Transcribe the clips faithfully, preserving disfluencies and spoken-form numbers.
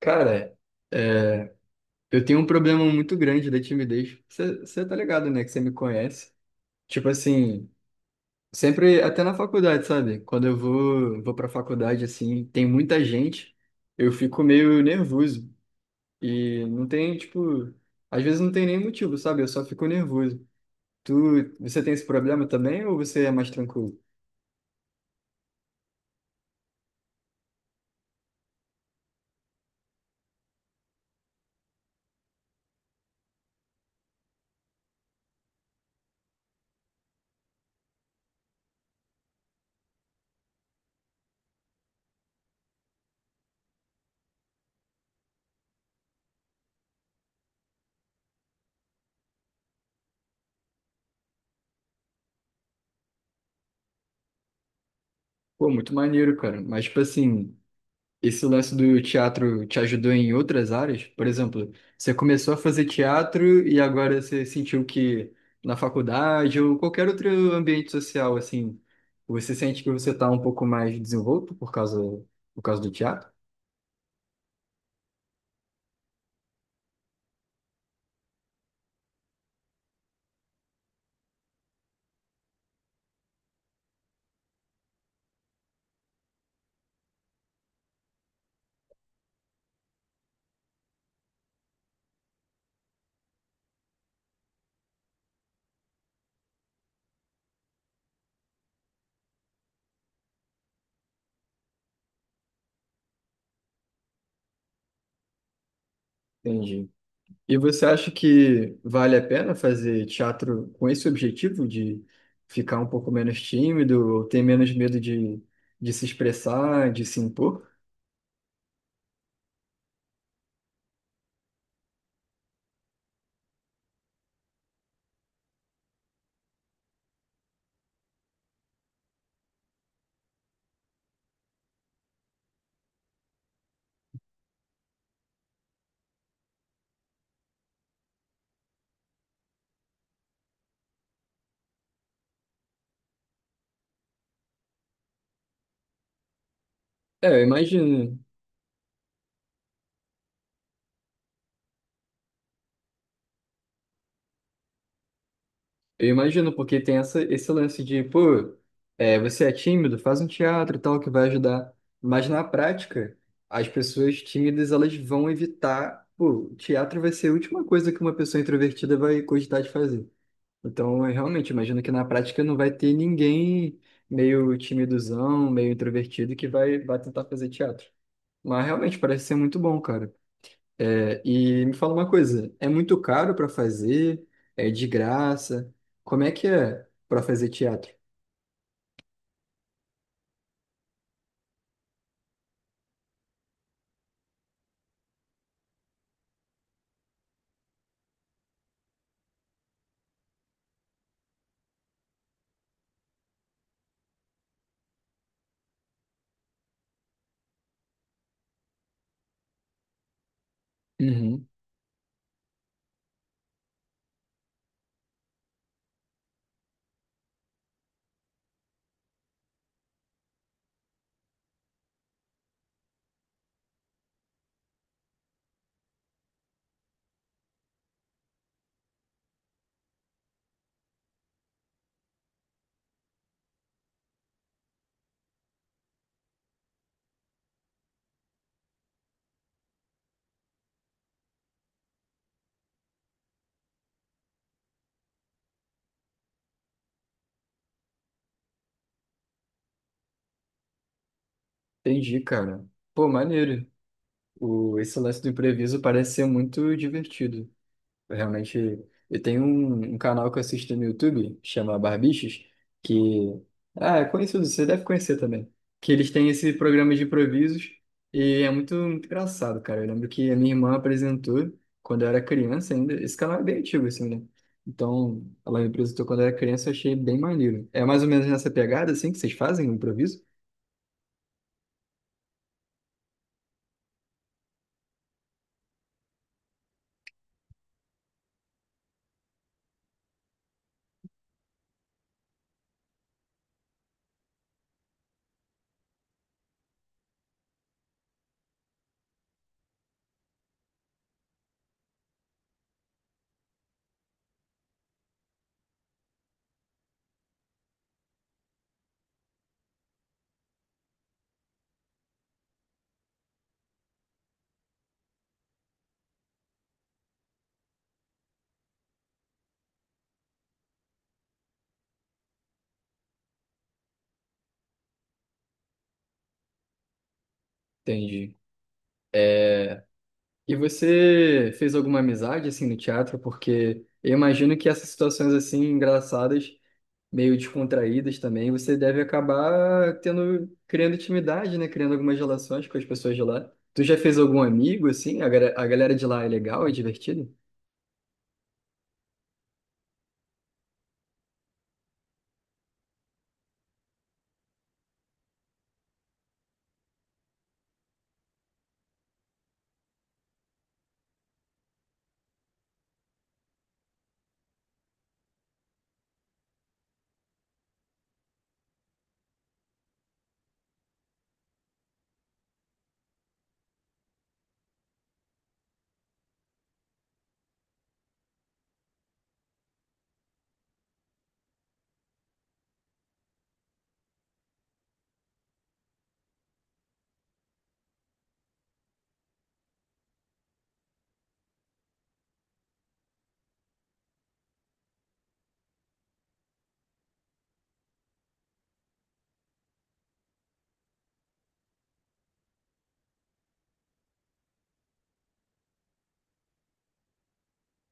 Cara, é, eu tenho um problema muito grande da timidez. Você tá ligado, né? Que você me conhece. Tipo assim, sempre, até na faculdade, sabe? Quando eu vou, vou pra faculdade, assim, tem muita gente, eu fico meio nervoso. E não tem, tipo, às vezes não tem nem motivo, sabe? Eu só fico nervoso. Tu, você tem esse problema também ou você é mais tranquilo? Pô, muito maneiro, cara. Mas, tipo assim. Esse lance do teatro te ajudou em outras áreas? Por exemplo, você começou a fazer teatro e agora você sentiu que na faculdade ou qualquer outro ambiente social, assim, você sente que você está um pouco mais desenvolto por causa, por causa do teatro? Entendi. E você acha que vale a pena fazer teatro com esse objetivo de ficar um pouco menos tímido ou ter menos medo de, de se expressar, de se impor? É, eu imagino. Eu imagino, porque tem essa, esse lance de, pô, é, você é tímido, faz um teatro e tal, que vai ajudar. Mas na prática, as pessoas tímidas, elas vão evitar, pô, o teatro vai ser a última coisa que uma pessoa introvertida vai cogitar de fazer. Então, eu realmente imagino que na prática não vai ter ninguém meio timidozão, meio introvertido que vai, vai tentar fazer teatro. Mas realmente parece ser muito bom, cara. É, e me fala uma coisa, é muito caro para fazer? É de graça? Como é que é para fazer teatro? Uhum, entendi, cara. Pô, maneiro. O, esse lance do impreviso parece ser muito divertido. Realmente, eu tenho um, um canal que eu assisto no YouTube, chama Barbichos, que ah, é conhecido, você deve conhecer também. Que eles têm esse programa de improvisos e é muito, muito engraçado, cara. Eu lembro que a minha irmã apresentou quando eu era criança ainda. Esse canal é bem antigo, assim, né? Então, ela me apresentou quando eu era criança, eu achei bem maneiro. É mais ou menos nessa pegada, assim, que vocês fazem o improviso? Entendi. E você fez alguma amizade assim no teatro? Porque eu imagino que essas situações assim engraçadas, meio descontraídas também, você deve acabar tendo, criando intimidade, né? Criando algumas relações com as pessoas de lá. Tu já fez algum amigo assim? A, gara- a galera de lá é legal, é divertido?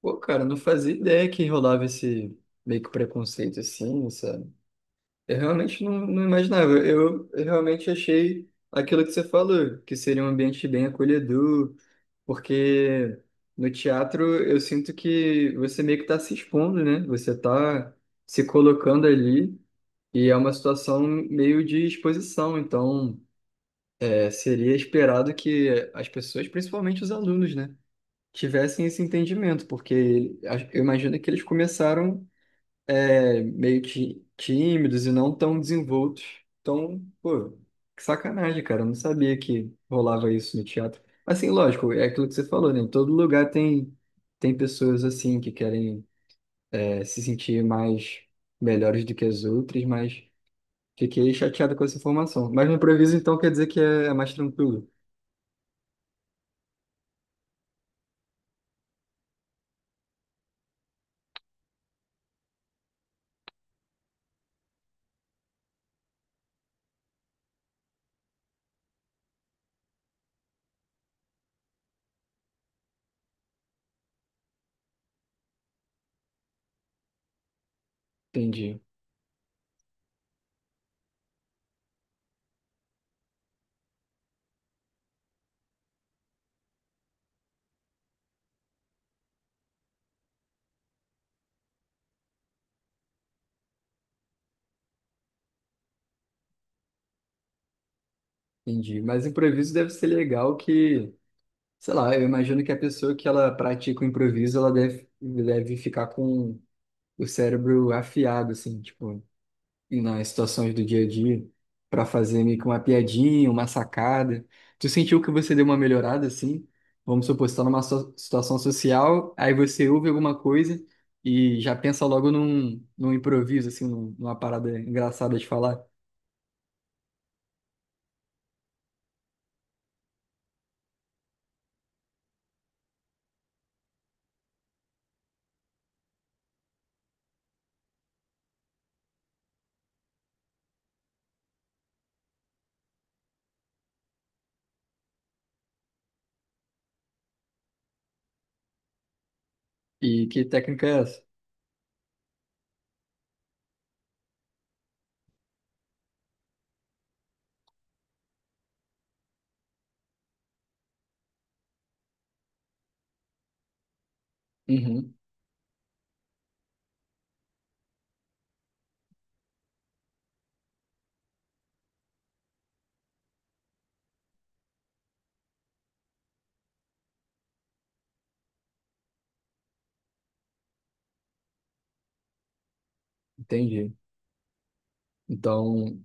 Pô, cara, eu não fazia ideia que rolava esse meio que preconceito assim, sabe? Eu realmente não, não imaginava. Eu, eu realmente achei aquilo que você falou, que seria um ambiente bem acolhedor. Porque no teatro eu sinto que você meio que tá se expondo, né? Você tá se colocando ali e é uma situação meio de exposição. Então, é, seria esperado que as pessoas, principalmente os alunos, né, tivessem esse entendimento, porque eu imagino que eles começaram é, meio ti- tímidos e não tão desenvoltos. Então, pô, que sacanagem, cara. Eu não sabia que rolava isso no teatro. Assim, lógico, é aquilo que você falou, né? Todo lugar tem, tem pessoas assim que querem é, se sentir mais melhores do que as outras, mas fiquei chateado com essa informação. Mas no improviso, então, quer dizer que é, é mais tranquilo. Entendi, Entendi. Mas improviso deve ser legal que, sei lá, eu imagino que a pessoa que ela pratica o improviso, ela deve, deve ficar com o cérebro afiado, assim, tipo, e nas situações do dia a dia, para fazer meio que uma piadinha, uma sacada. Tu sentiu que você deu uma melhorada, assim? Vamos supor, você tá numa so- situação social, aí você ouve alguma coisa e já pensa logo num, num improviso, assim, num- numa parada engraçada de falar. E que técnica é essa? Uhum, entendi. Então,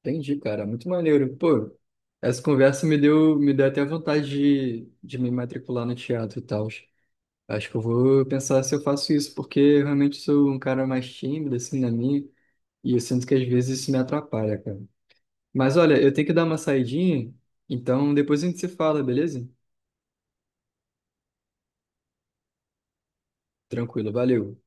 entendi, cara. Muito maneiro. Pô, essa conversa me deu, me deu até vontade de, de me matricular no teatro e tal. Acho que eu vou pensar se eu faço isso, porque eu realmente sou um cara mais tímido, assim, na minha, e eu sinto que às vezes isso me atrapalha, cara. Mas olha, eu tenho que dar uma saidinha, então depois a gente se fala, beleza? Tranquilo, valeu.